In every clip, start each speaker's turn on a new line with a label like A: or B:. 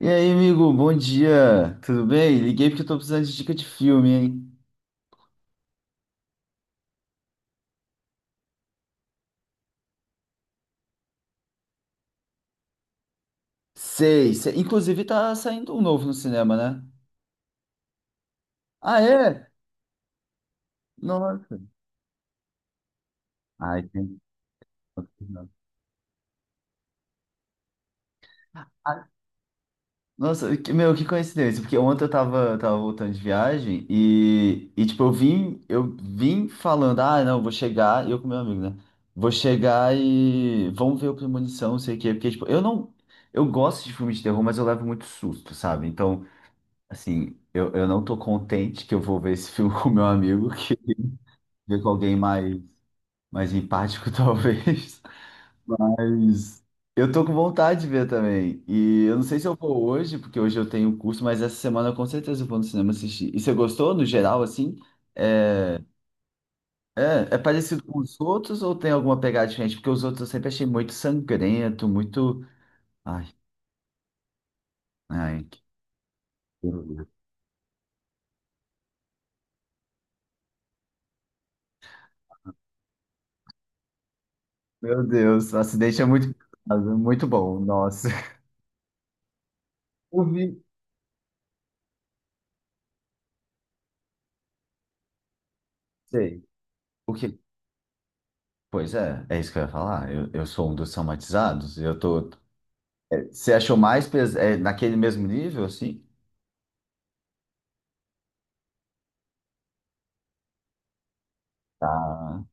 A: E aí, amigo, bom dia. Tudo bem? Liguei porque eu tô precisando de dica de filme, hein? Sei, sei. Inclusive tá saindo um novo no cinema, né? Ah, é? Nossa. Ai, tem. Ah, nossa, meu, que coincidência, porque ontem eu tava voltando de viagem e tipo, eu vim falando, ah, não, vou chegar, eu com meu amigo, né? Vou chegar e vamos ver o Premonição, não sei o quê, porque, tipo, eu não, eu gosto de filme de terror, mas eu levo muito susto, sabe? Então, assim, eu não tô contente que eu vou ver esse filme com meu amigo, que ver com alguém mais empático, talvez. Mas eu tô com vontade de ver também. E eu não sei se eu vou hoje, porque hoje eu tenho curso, mas essa semana eu com certeza vou no cinema assistir. E você gostou, no geral, assim? É, é parecido com os outros ou tem alguma pegada diferente? Porque os outros eu sempre achei muito sangrento, muito. Ai, ai. Meu Deus, o acidente é muito pesado, muito bom, nossa. Eu vi. Sei. O que? Pois é, é isso que eu ia falar. Eu sou um dos traumatizados. Eu tô. Você achou mais naquele mesmo nível, assim? Tá.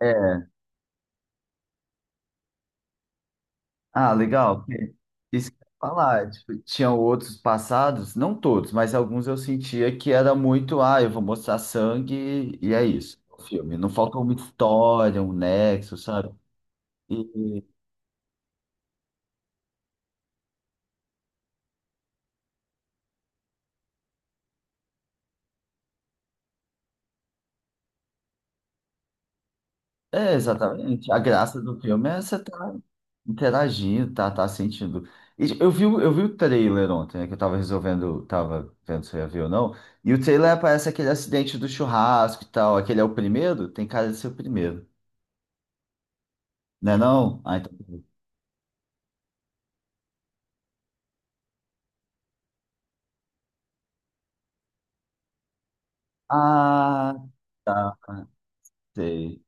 A: É. Ah, legal. Porque isso que eu ia falar. Tipo, tinham outros passados, não todos, mas alguns eu sentia que era muito, ah, eu vou mostrar sangue e é isso, é o filme. Não faltou uma história, um nexo, sabe? E É, exatamente. A graça do filme é você tá interagindo, tá sentindo. E eu vi o trailer ontem, né, que eu tava resolvendo, tava vendo se eu ia ver ou não. E o trailer aparece aquele acidente do churrasco e tal. Aquele é o primeiro? Tem cara de ser o primeiro. Não é não? Ah, então. Ah, tá, sei.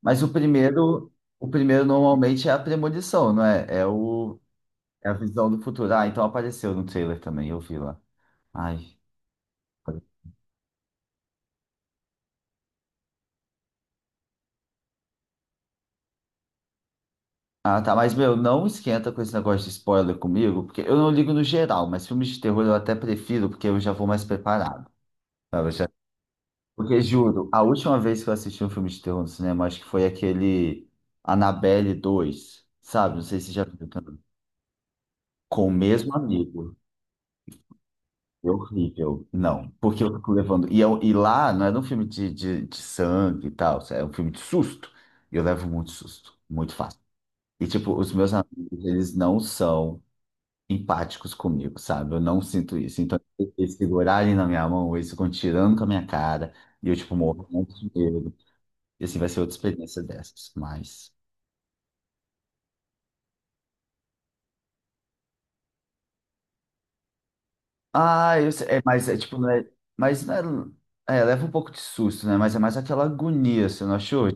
A: Mas o primeiro normalmente é a premonição, não é? É a visão do futuro. Ah, então apareceu no trailer também, eu vi lá. Ai. Ah, tá. Mas, meu, não esquenta com esse negócio de spoiler comigo, porque eu não ligo no geral, mas filmes de terror eu até prefiro, porque eu já vou mais preparado, sabe? Porque, juro, a última vez que eu assisti um filme de terror no cinema, acho que foi aquele Annabelle 2, sabe? Não sei se já viu também. Com o mesmo amigo. É horrível. Não, porque eu fico levando. E lá não era um filme de sangue e tal, é um filme de susto. E eu levo muito susto, muito fácil. E, tipo, os meus amigos, eles não são empáticos comigo, sabe? Eu não sinto isso. Então, eles segurarem na minha mão, eles ficam tirando com a minha cara, e eu, tipo, morro muito de medo. E assim, vai ser outra experiência dessas, mas... Ah, eu sei, é, mas é tipo, não é... Mas não é... É, leva um pouco de susto, né? Mas é mais aquela agonia, você não achou?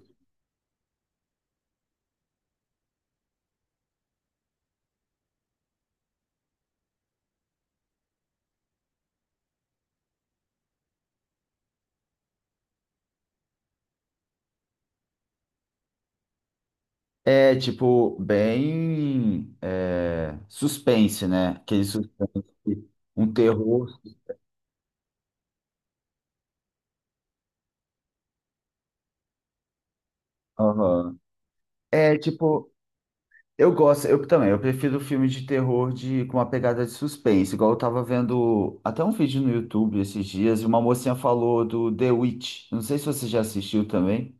A: É, tipo, bem... é, suspense, né? Aquele suspense, um terror... Aham. É, tipo... Eu gosto, eu também, eu prefiro filme de terror de, com uma pegada de suspense, igual eu tava vendo até um vídeo no YouTube esses dias, e uma mocinha falou do The Witch. Não sei se você já assistiu também,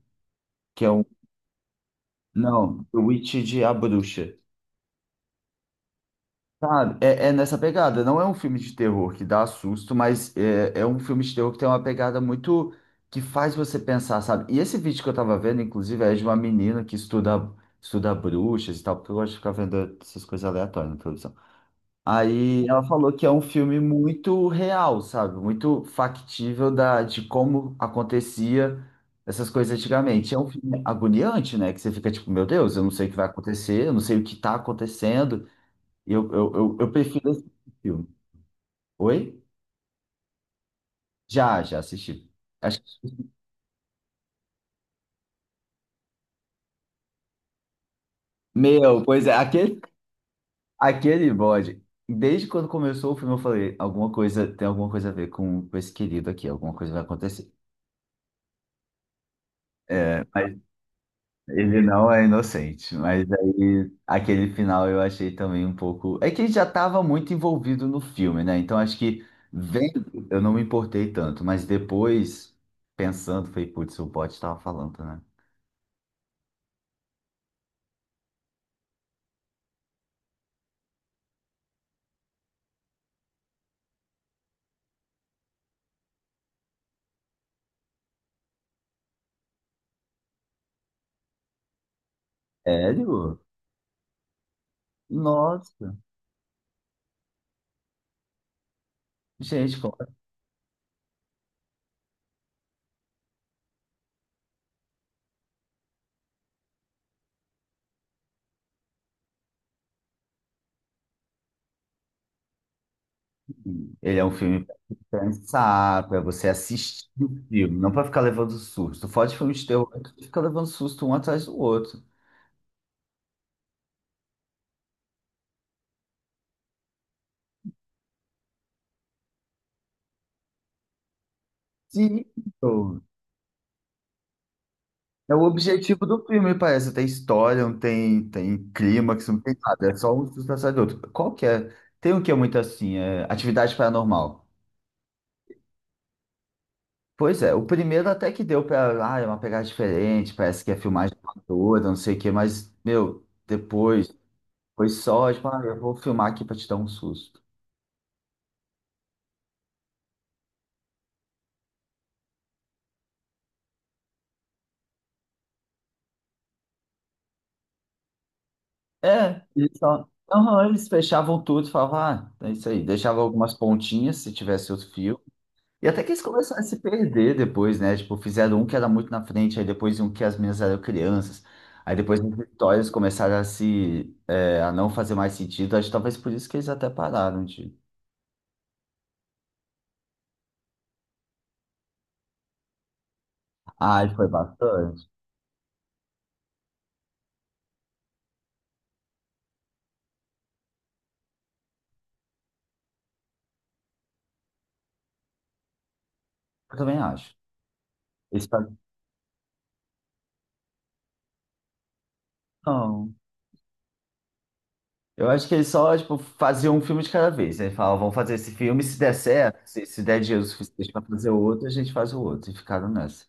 A: que é um. Não, The Witch de A Bruxa. Sabe, é nessa pegada, não é um filme de terror que dá susto, mas é um filme de terror que tem uma pegada muito que faz você pensar, sabe? E esse vídeo que eu tava vendo, inclusive, é de uma menina que estuda, estuda bruxas e tal, porque eu gosto de ficar vendo essas coisas aleatórias na televisão. Aí ela falou que é um filme muito real, sabe? Muito factível de como acontecia essas coisas antigamente. É um filme agoniante, né? Que você fica tipo, meu Deus, eu não sei o que vai acontecer, eu não sei o que tá acontecendo. E eu prefiro esse filme. Oi? Já, já assisti. Acho que- Meu, pois é, aquele, aquele bode. Desde quando começou o filme, eu falei, alguma coisa, tem alguma coisa a ver com esse querido aqui, alguma coisa vai acontecer. É. Ele não é inocente, mas aí aquele final eu achei também um pouco. É que ele já estava muito envolvido no filme, né? Então acho que vendo, eu não me importei tanto, mas depois, pensando, falei, putz, o bot estava falando, né? Sério? Nossa, gente, ele é um filme para pensar, para você assistir o filme, não para ficar levando susto. Fora de filme de terror, tu fica levando susto um atrás do outro. Sim. É o objetivo do filme, parece. Não tem história, não tem clímax, não tem nada. É só um susto atrás do outro. Qual que é? Tem um que é muito assim, é atividade paranormal. Pois é, o primeiro até que deu pra. Ah, é uma pegada diferente, parece que é filmagem amadora, não sei o quê, mas, meu, depois foi só, tipo, ah, eu vou filmar aqui pra te dar um susto. É, eles só. Aham, eles fechavam tudo, falavam, ah, é isso aí. Deixava algumas pontinhas se tivesse outro fio. E até que eles começaram a se perder depois, né? Tipo, fizeram um que era muito na frente, aí depois um que as meninas eram crianças. Aí depois as histórias começaram a se... a não fazer mais sentido. Acho que talvez por isso que eles até pararam de... Ah, e foi bastante. Eu também acho. Eles falam, não. Eu acho que eles só, tipo, faziam um filme de cada vez, aí falavam, vamos fazer esse filme, se der certo, se der dinheiro suficiente para fazer o outro, a gente faz o outro. E ficaram nessa.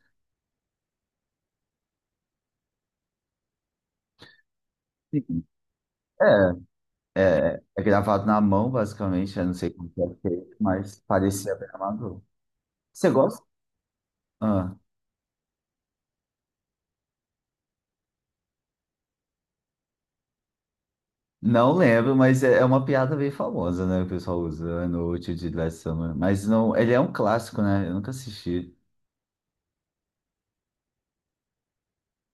A: Sim. É, é gravado na mão, basicamente. Eu não sei como que é feito, mas parecia bem amador. Você gosta? Ah, não lembro, mas é uma piada bem famosa, né? O pessoal usa no útil de Last Summer. Mas não, ele é um clássico, né? Eu nunca assisti.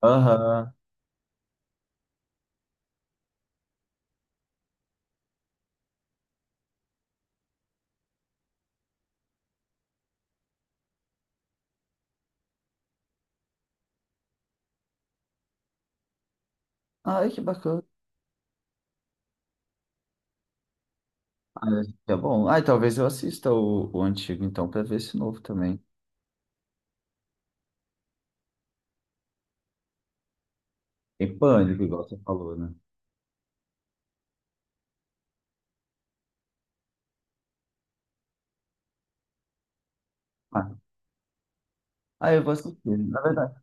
A: Aham. Ai, que bacana. Ah, é bom. Ah, talvez eu assista o antigo, então, pra ver esse novo também. Tem pânico, igual você falou, né? Ah, ah, eu vou assistir. Na verdade.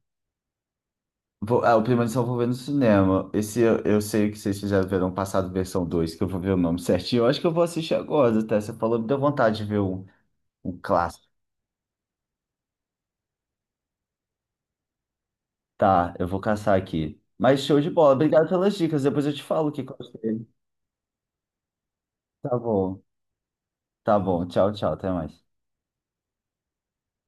A: Vou, o Premonição eu vou ver no cinema. Esse eu sei que vocês fizeram verão passado, versão 2 que eu vou ver o nome certinho. Eu acho que eu vou assistir agora, até. Você falou, me deu vontade de ver um clássico. Tá, eu vou caçar aqui. Mas show de bola. Obrigado pelas dicas. Depois eu te falo o que que eu achei. Tá bom. Tá bom. Tchau, tchau. Até mais.